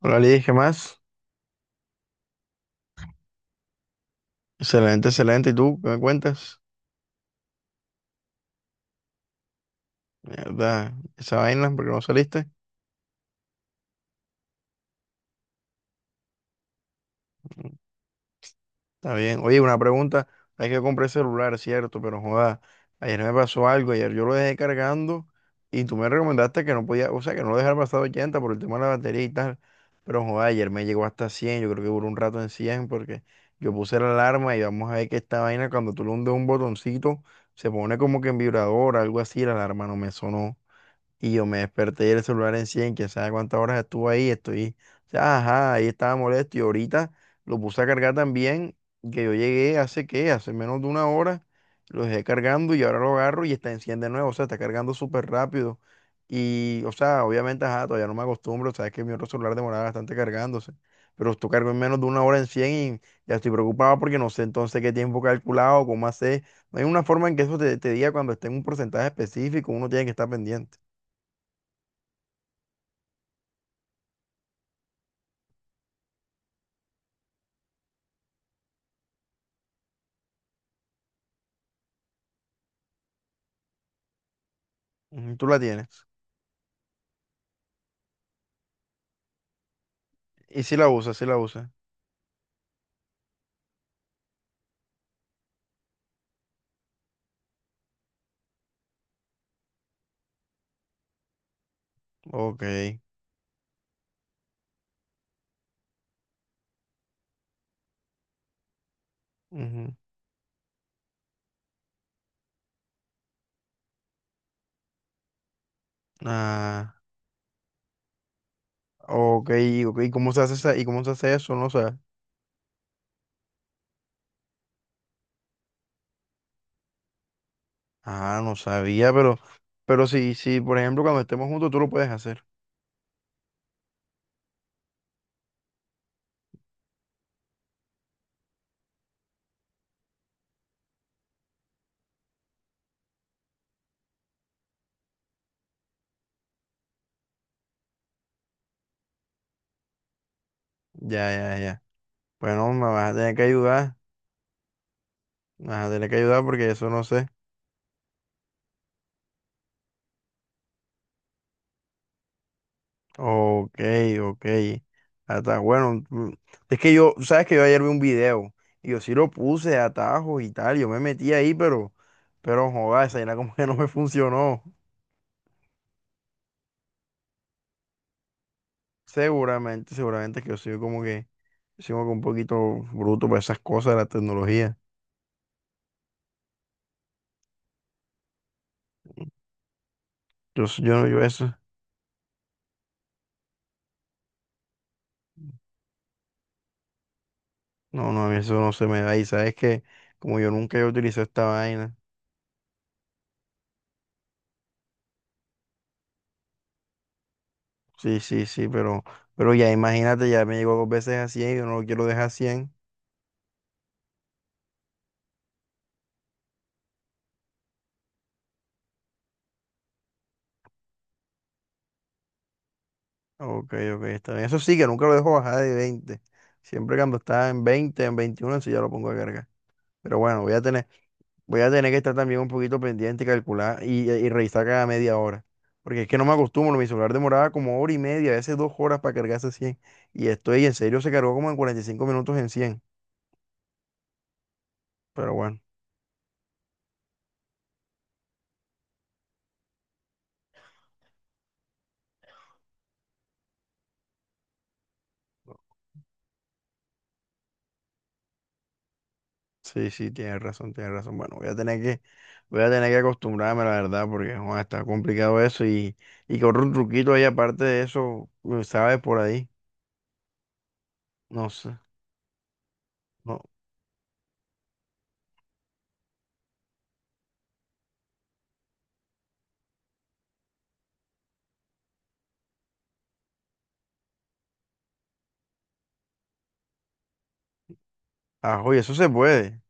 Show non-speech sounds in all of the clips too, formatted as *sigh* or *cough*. Hola, Liz, ¿qué más? Excelente, excelente. ¿Y tú qué me cuentas? Mierda, esa vaina, ¿porque no saliste? Está bien. Oye, una pregunta. Hay que comprar celular, cierto, pero joda, ayer me pasó algo. Ayer yo lo dejé cargando y tú me recomendaste que no podía, o sea, que no lo dejara pasar 80 por el tema de la batería y tal. Pero joda, ayer me llegó hasta 100. Yo creo que duró un rato en 100 porque yo puse la alarma y vamos a ver que esta vaina, cuando tú le hundes un botoncito, se pone como que en vibrador, algo así. La alarma no me sonó. Y yo me desperté y el celular en 100, quién sabe cuántas horas estuvo ahí, estoy, o sea, ajá, ahí estaba molesto y ahorita lo puse a cargar también, que yo llegué hace qué, hace menos de una hora, lo dejé cargando y ahora lo agarro y está en 100 de nuevo, o sea, está cargando súper rápido. Y, o sea, obviamente, ajá, todavía no me acostumbro, sabes que mi otro celular demoraba bastante cargándose, pero esto cargo en menos de una hora en 100 y ya estoy preocupado porque no sé entonces qué tiempo calculado, cómo hacer. No hay una forma en que eso te diga cuando esté en un porcentaje específico, uno tiene que estar pendiente. Ujú, tú la tienes. Y si la usas, si la usas. Ok. Ujú. Ah, ok, ok. ¿Y cómo se hace y cómo se hace eso? No sé. Ah, no sabía, pero, sí, sí, por ejemplo, cuando estemos juntos, tú lo puedes hacer. Ya, ya, ya. Bueno, me vas a tener que ayudar. Me vas a tener que ayudar porque eso no sé. Ok, ok. Hasta bueno. Es que yo, sabes que yo ayer vi un video y yo sí lo puse de atajos y tal. Yo me metí ahí, pero, joder, esa vaina como que no me funcionó. Seguramente, seguramente que yo soy como que un poquito bruto para esas cosas de la tecnología. Yo, yo no, yo eso, no, no, a mí eso no se me da. Y sabes que, como yo nunca he utilizado esta vaina, sí, sí, sí, pero ya imagínate, ya me llegó dos veces a 100 y yo no lo quiero dejar a 100. Ok, ok, está bien. Eso sí, que nunca lo dejo bajar de 20. Siempre cuando está en 20, en 21 sí ya lo pongo a cargar. Pero bueno, voy a tener que estar también un poquito pendiente y calcular y revisar cada media hora. Porque es que no me acostumbro, mi celular demoraba como hora y media, a veces 2 horas para cargarse 100. Y estoy en serio, se cargó como en 45 minutos en 100. Pero bueno, sí, sí, tienes razón, tienes razón. Bueno, voy a tener que acostumbrarme, la verdad, porque joder, está complicado eso. Y corre un truquito ahí aparte de eso, ¿sabes? Por ahí. No sé. No. Ajo, y eso se puede.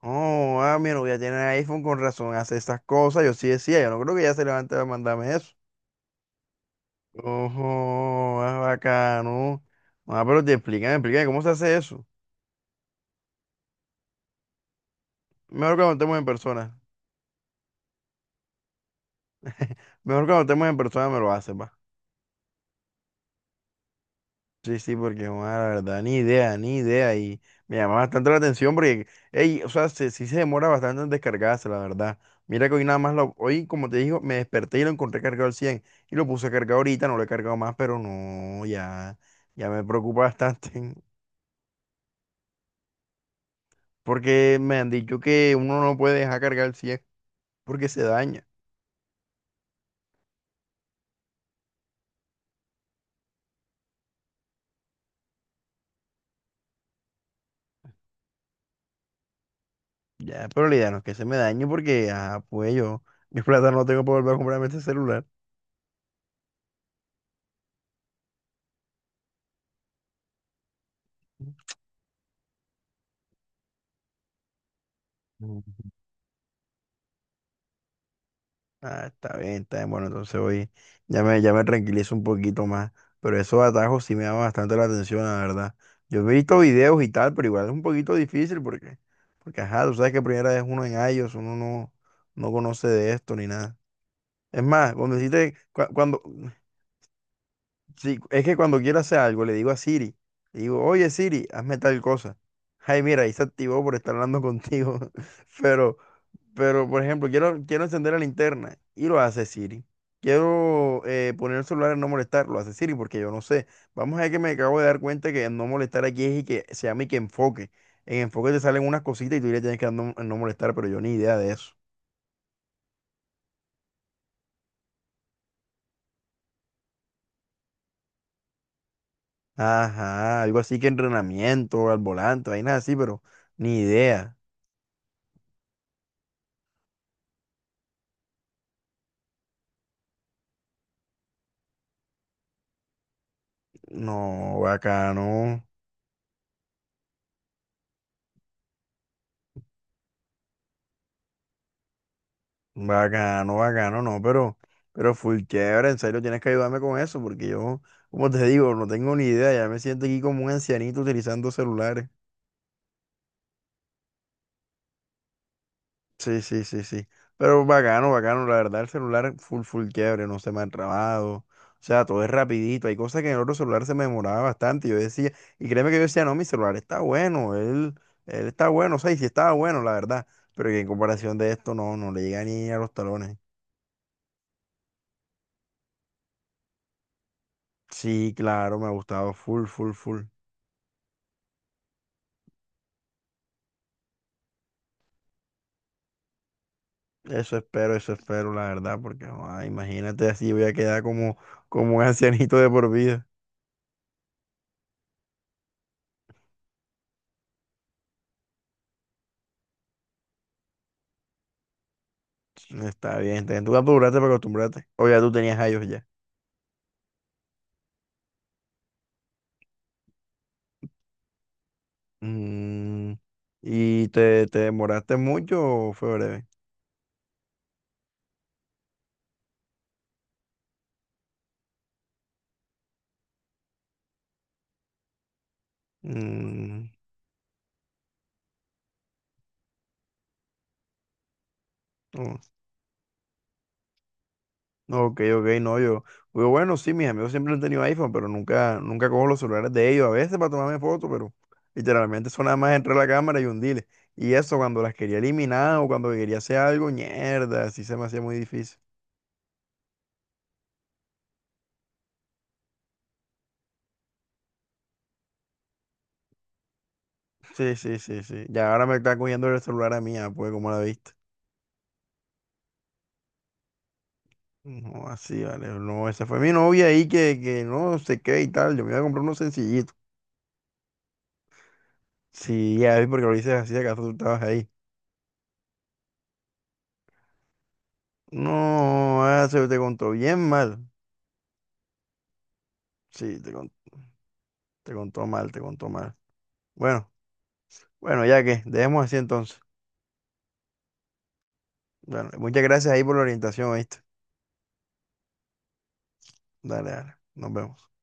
Oh, ah, mi novia tiene iPhone con razón, hace esas cosas. Yo sí decía, yo no creo que ella se levante a mandarme eso. Ojo, es bacano. Ah, pero te explícame explican cómo se hace eso. Mejor cuando estemos en persona. Mejor cuando estemos en persona me lo haces, va. Sí, sí, porque bueno, la verdad, ni idea, ni idea. Y me llama bastante la atención porque, ey, o sea, sí se demora bastante en descargarse, la verdad. Mira que hoy nada más hoy, como te digo, me desperté y lo encontré cargado al 100 y lo puse a cargar ahorita, no lo he cargado más, pero no, ya, ya me preocupa bastante *laughs* porque me han dicho que uno no puede dejar cargar el 100 porque se daña. Ya, pero la idea no es que se me dañe porque, ah, pues yo, mis plata no tengo para volver a comprarme este celular. Ah, está bien, está bien. Bueno, entonces hoy ya me tranquilizo un poquito más. Pero esos atajos sí me llaman bastante la atención, la verdad. Yo he visto videos y tal, pero igual es un poquito difícil porque, ajá, tú sabes que primera vez uno en iOS, uno no conoce de esto ni nada. Es más, cuando hiciste, cuando, sí, es que cuando quiero hacer algo, le digo a Siri, le digo, oye Siri, hazme tal cosa. Ay, mira, ahí se activó por estar hablando contigo. *laughs* Pero, pero por ejemplo, quiero encender la linterna y lo hace Siri. Quiero poner el celular en no molestar, lo hace Siri porque yo no sé. Vamos a ver que me acabo de dar cuenta que en no molestar aquí es y que se llama y que enfoque. En enfoque te salen unas cositas y tú le tienes que dar no, en no molestar, pero yo ni idea de eso. Ajá, algo así que entrenamiento al volante, vainas así, pero ni idea. No, bacano, bacano, bacano, no, pero full chévere, en serio tienes que ayudarme con eso, porque yo, como te digo, no tengo ni idea, ya me siento aquí como un ancianito utilizando celulares. Sí, sí, sí, sí. Pero bacano, bacano, la verdad, el celular full, full quiebre, no se me ha trabado. O sea, todo es rapidito. Hay cosas que en el otro celular se me demoraba bastante. Yo decía, y créeme que yo decía, no, mi celular está bueno, él está bueno, o sea, y sí estaba bueno, la verdad. Pero que en comparación de esto, no, no le llega ni a los talones. Sí, claro, me ha gustado full, full, full. Eso espero, la verdad, porque joda, imagínate así voy a quedar como, un ancianito de por vida. Está bien, está bien. Tú apuraste para acostumbrarte. O ya tú tenías a ellos ya. Mm, ¿Y te demoraste mucho o fue breve? Mm, Ok, ok, no, yo, bueno, sí, mis amigos siempre han tenido iPhone, pero nunca, nunca cojo los celulares de ellos, a veces para tomarme fotos, pero literalmente son nada más entre la cámara y hundirle. Y eso cuando las quería eliminar o cuando quería hacer algo, mierda, así se me hacía muy difícil. Sí, sí, sí, sí. Ya ahora me está cogiendo el celular a mí, ah, pues, como la viste? No, así, vale, no, esa fue mi novia ahí que no sé qué y tal, yo me iba a comprar uno sencillito. Sí, ya vi porque lo dices así, acaso tú estabas ahí. No, ah, se te contó bien mal. Sí, te contó. Te contó mal, te contó mal. Bueno, bueno, ya que, dejemos así entonces. Bueno, muchas gracias ahí por la orientación, ¿viste? Dale, dale. Nos vemos.